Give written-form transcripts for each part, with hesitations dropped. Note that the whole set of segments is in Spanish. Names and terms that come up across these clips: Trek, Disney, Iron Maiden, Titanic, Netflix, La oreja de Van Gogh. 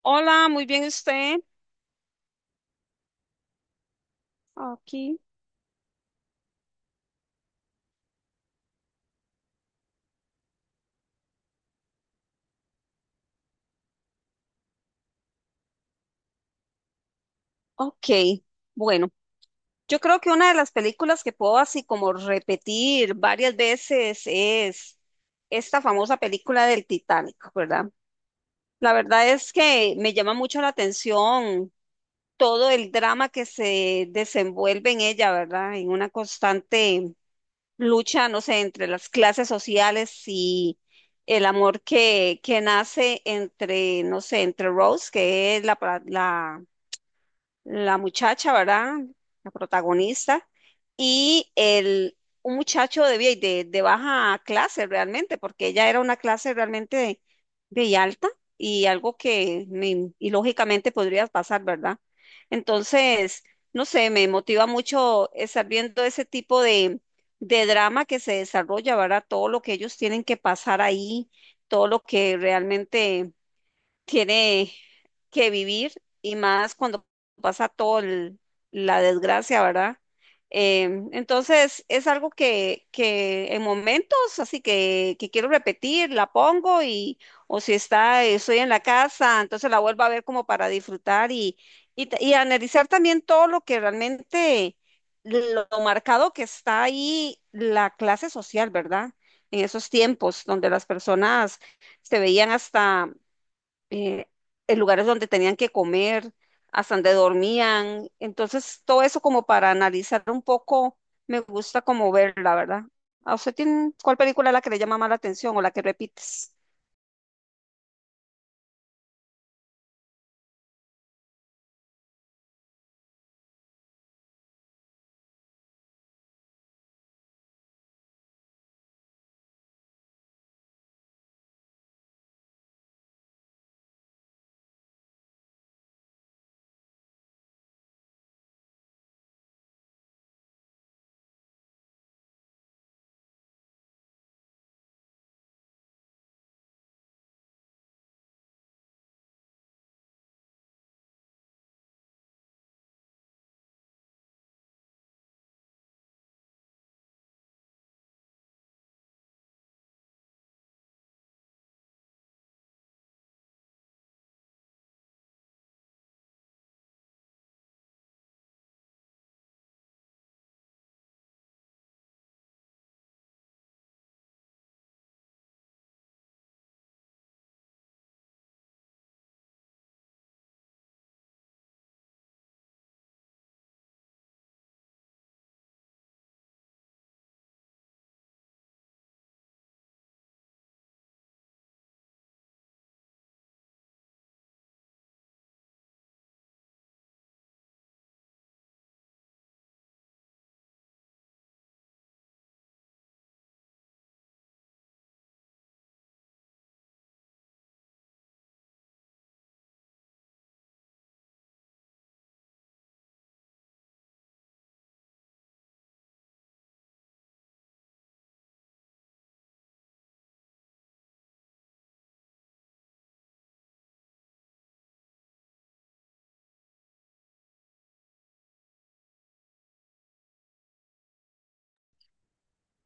Hola, muy bien usted. Aquí. Ok, bueno, yo creo que una de las películas que puedo así como repetir varias veces es esta famosa película del Titanic, ¿verdad? La verdad es que me llama mucho la atención todo el drama que se desenvuelve en ella, ¿verdad? En una constante lucha, no sé, entre las clases sociales y el amor que nace entre, no sé, entre Rose, que es la, la muchacha, ¿verdad? La protagonista, y el, un muchacho de, de baja clase realmente, porque ella era una clase realmente de alta y algo que lógicamente podría pasar, ¿verdad? Entonces, no sé, me motiva mucho estar viendo ese tipo de drama que se desarrolla, ¿verdad? Todo lo que ellos tienen que pasar ahí, todo lo que realmente tiene que vivir y más cuando pasa la desgracia, ¿verdad? Eh, entonces es algo que en momentos así que quiero repetir, la pongo y o si está, estoy en la casa, entonces la vuelvo a ver como para disfrutar y, y analizar también todo lo que realmente, lo, lo marcado que está ahí la clase social, ¿verdad? En esos tiempos donde las personas se veían hasta eh, en lugares donde tenían que comer, hasta donde dormían. Entonces, todo eso como para analizar un poco, me gusta como verla, ¿verdad? ¿A usted tiene, cuál película es la que le llama más la atención o la que repites?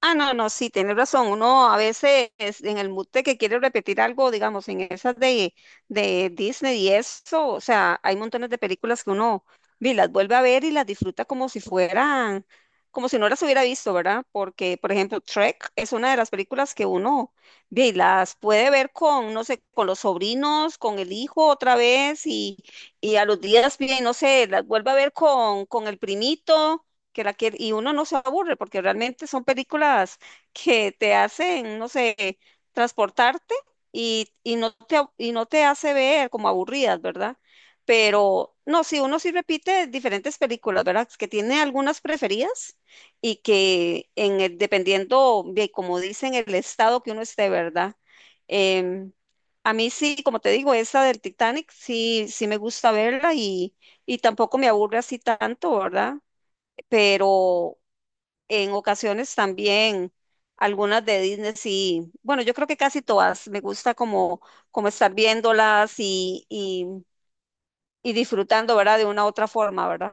Ah, no, no, sí, tienes razón. Uno a veces en el mood de que quiere repetir algo, digamos, en esas de Disney y eso, o sea, hay montones de películas que uno vi, las vuelve a ver y las disfruta como si fueran, como si no las hubiera visto, ¿verdad? Porque, por ejemplo, Trek es una de las películas que uno vi, las puede ver con, no sé, con los sobrinos, con el hijo otra vez y a los días, bien, no sé, las vuelve a ver con el primito que la quiere, y uno no se aburre porque realmente son películas que te hacen, no sé, transportarte y no te, y no te hace ver como aburridas, ¿verdad? Pero no, si uno sí repite diferentes películas, ¿verdad? Que tiene algunas preferidas y que en dependiendo de, como dicen, el estado que uno esté, ¿verdad? Em, a mí sí, como te digo, esa del Titanic sí, sí me gusta verla y tampoco me aburre así tanto, ¿verdad? Pero en ocasiones también algunas de Disney sí, bueno, yo creo que casi todas, me gusta como, como estar viéndolas y disfrutando, ¿verdad? De una u otra forma, ¿verdad?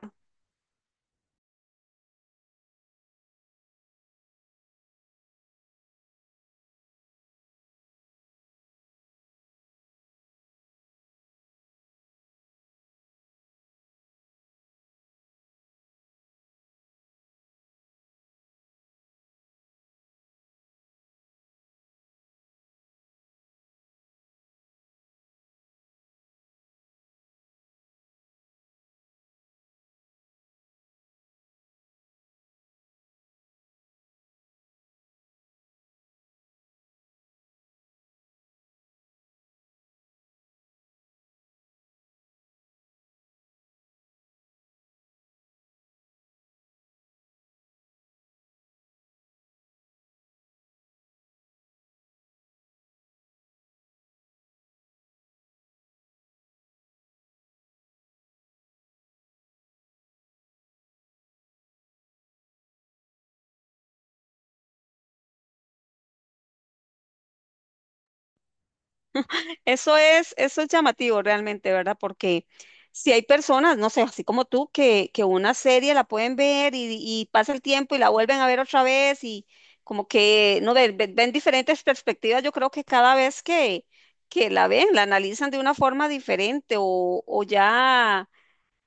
Eso es llamativo realmente, ¿verdad? Porque si hay personas, no sé, así como tú, que una serie la pueden ver y pasa el tiempo y la vuelven a ver otra vez y como que, no, ven diferentes perspectivas, yo creo que cada vez que la ven, la analizan de una forma diferente o ya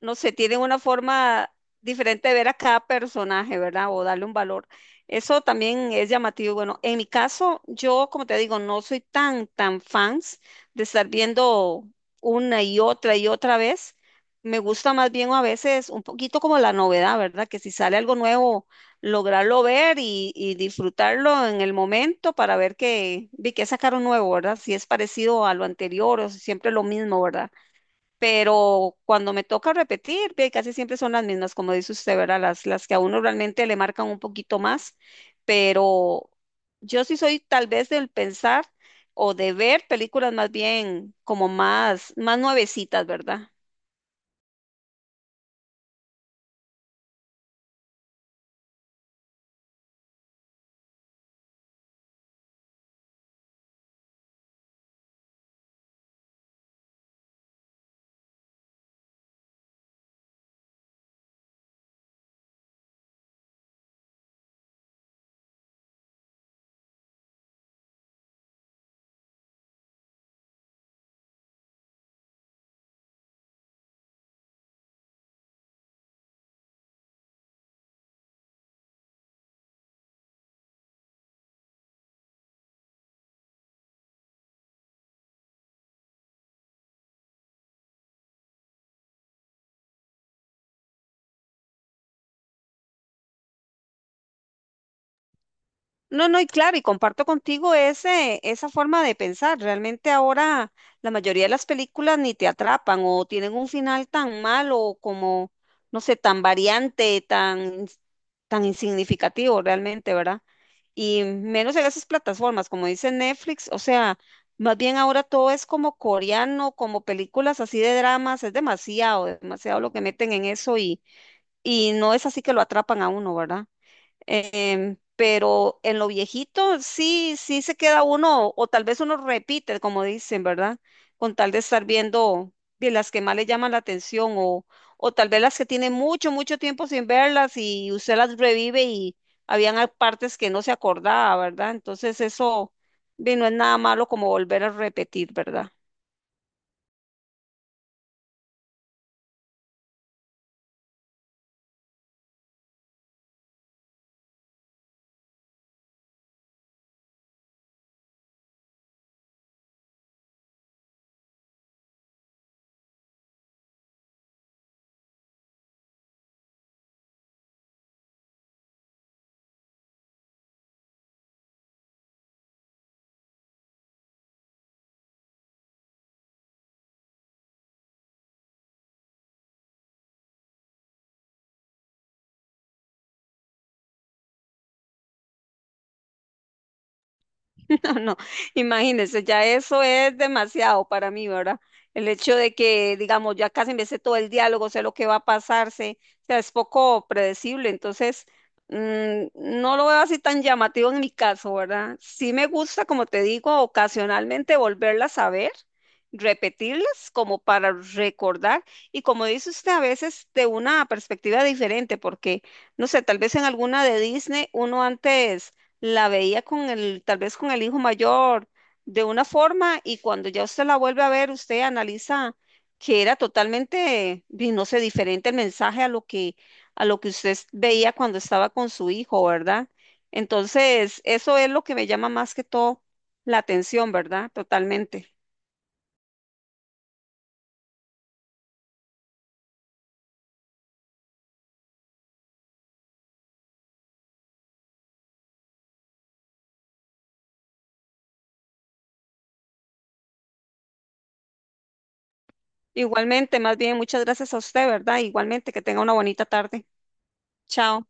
no sé, tienen una forma diferente de ver a cada personaje, ¿verdad? O darle un valor. Eso también es llamativo. Bueno, en mi caso, yo, como te digo, no soy tan, tan fans de estar viendo una y otra vez. Me gusta más bien a veces un poquito como la novedad, ¿verdad? Que si sale algo nuevo, lograrlo ver y disfrutarlo en el momento para ver que, vi que sacaron nuevo, ¿verdad? Si es parecido a lo anterior o si siempre lo mismo, ¿verdad? Pero cuando me toca repetir, ve, casi siempre son las mismas, como dice usted, ¿verdad? Las que a uno realmente le marcan un poquito más, pero yo sí soy tal vez del pensar o de ver películas más bien como más, más nuevecitas, ¿verdad? No, no, y claro, y comparto contigo ese, esa forma de pensar. Realmente ahora la mayoría de las películas ni te atrapan o tienen un final tan malo o como, no sé, tan variante, tan, tan insignificativo realmente, ¿verdad? Y menos en esas plataformas, como dice Netflix, o sea, más bien ahora todo es como coreano, como películas así de dramas, es demasiado, demasiado lo que meten en eso y no es así que lo atrapan a uno, ¿verdad? Pero en lo viejito sí, sí se queda uno, o tal vez uno repite, como dicen, ¿verdad? Con tal de estar viendo de las que más le llaman la atención, o tal vez las que tiene mucho, mucho tiempo sin verlas y usted las revive y habían partes que no se acordaba, ¿verdad? Entonces eso, ve, no es nada malo como volver a repetir, ¿verdad? No, no, imagínese, ya eso es demasiado para mí, ¿verdad? El hecho de que, digamos, ya casi me sé todo el diálogo, sé lo que va a pasarse, o sea, es poco predecible, entonces no lo veo así tan llamativo en mi caso, ¿verdad? Sí me gusta, como te digo, ocasionalmente volverlas a ver, repetirlas como para recordar y como dice usted, a veces de una perspectiva diferente, porque, no sé, tal vez en alguna de Disney uno antes la veía con el, tal vez con el hijo mayor de una forma y cuando ya usted la vuelve a ver, usted analiza que era totalmente, di, no sé, diferente el mensaje a lo que veía cuando estaba con su hijo, ¿verdad? Entonces, eso es lo que me llama más que todo la atención, ¿verdad? Totalmente. Igualmente, más bien, muchas gracias a usted, ¿verdad? Igualmente, que tenga una bonita tarde. Chao.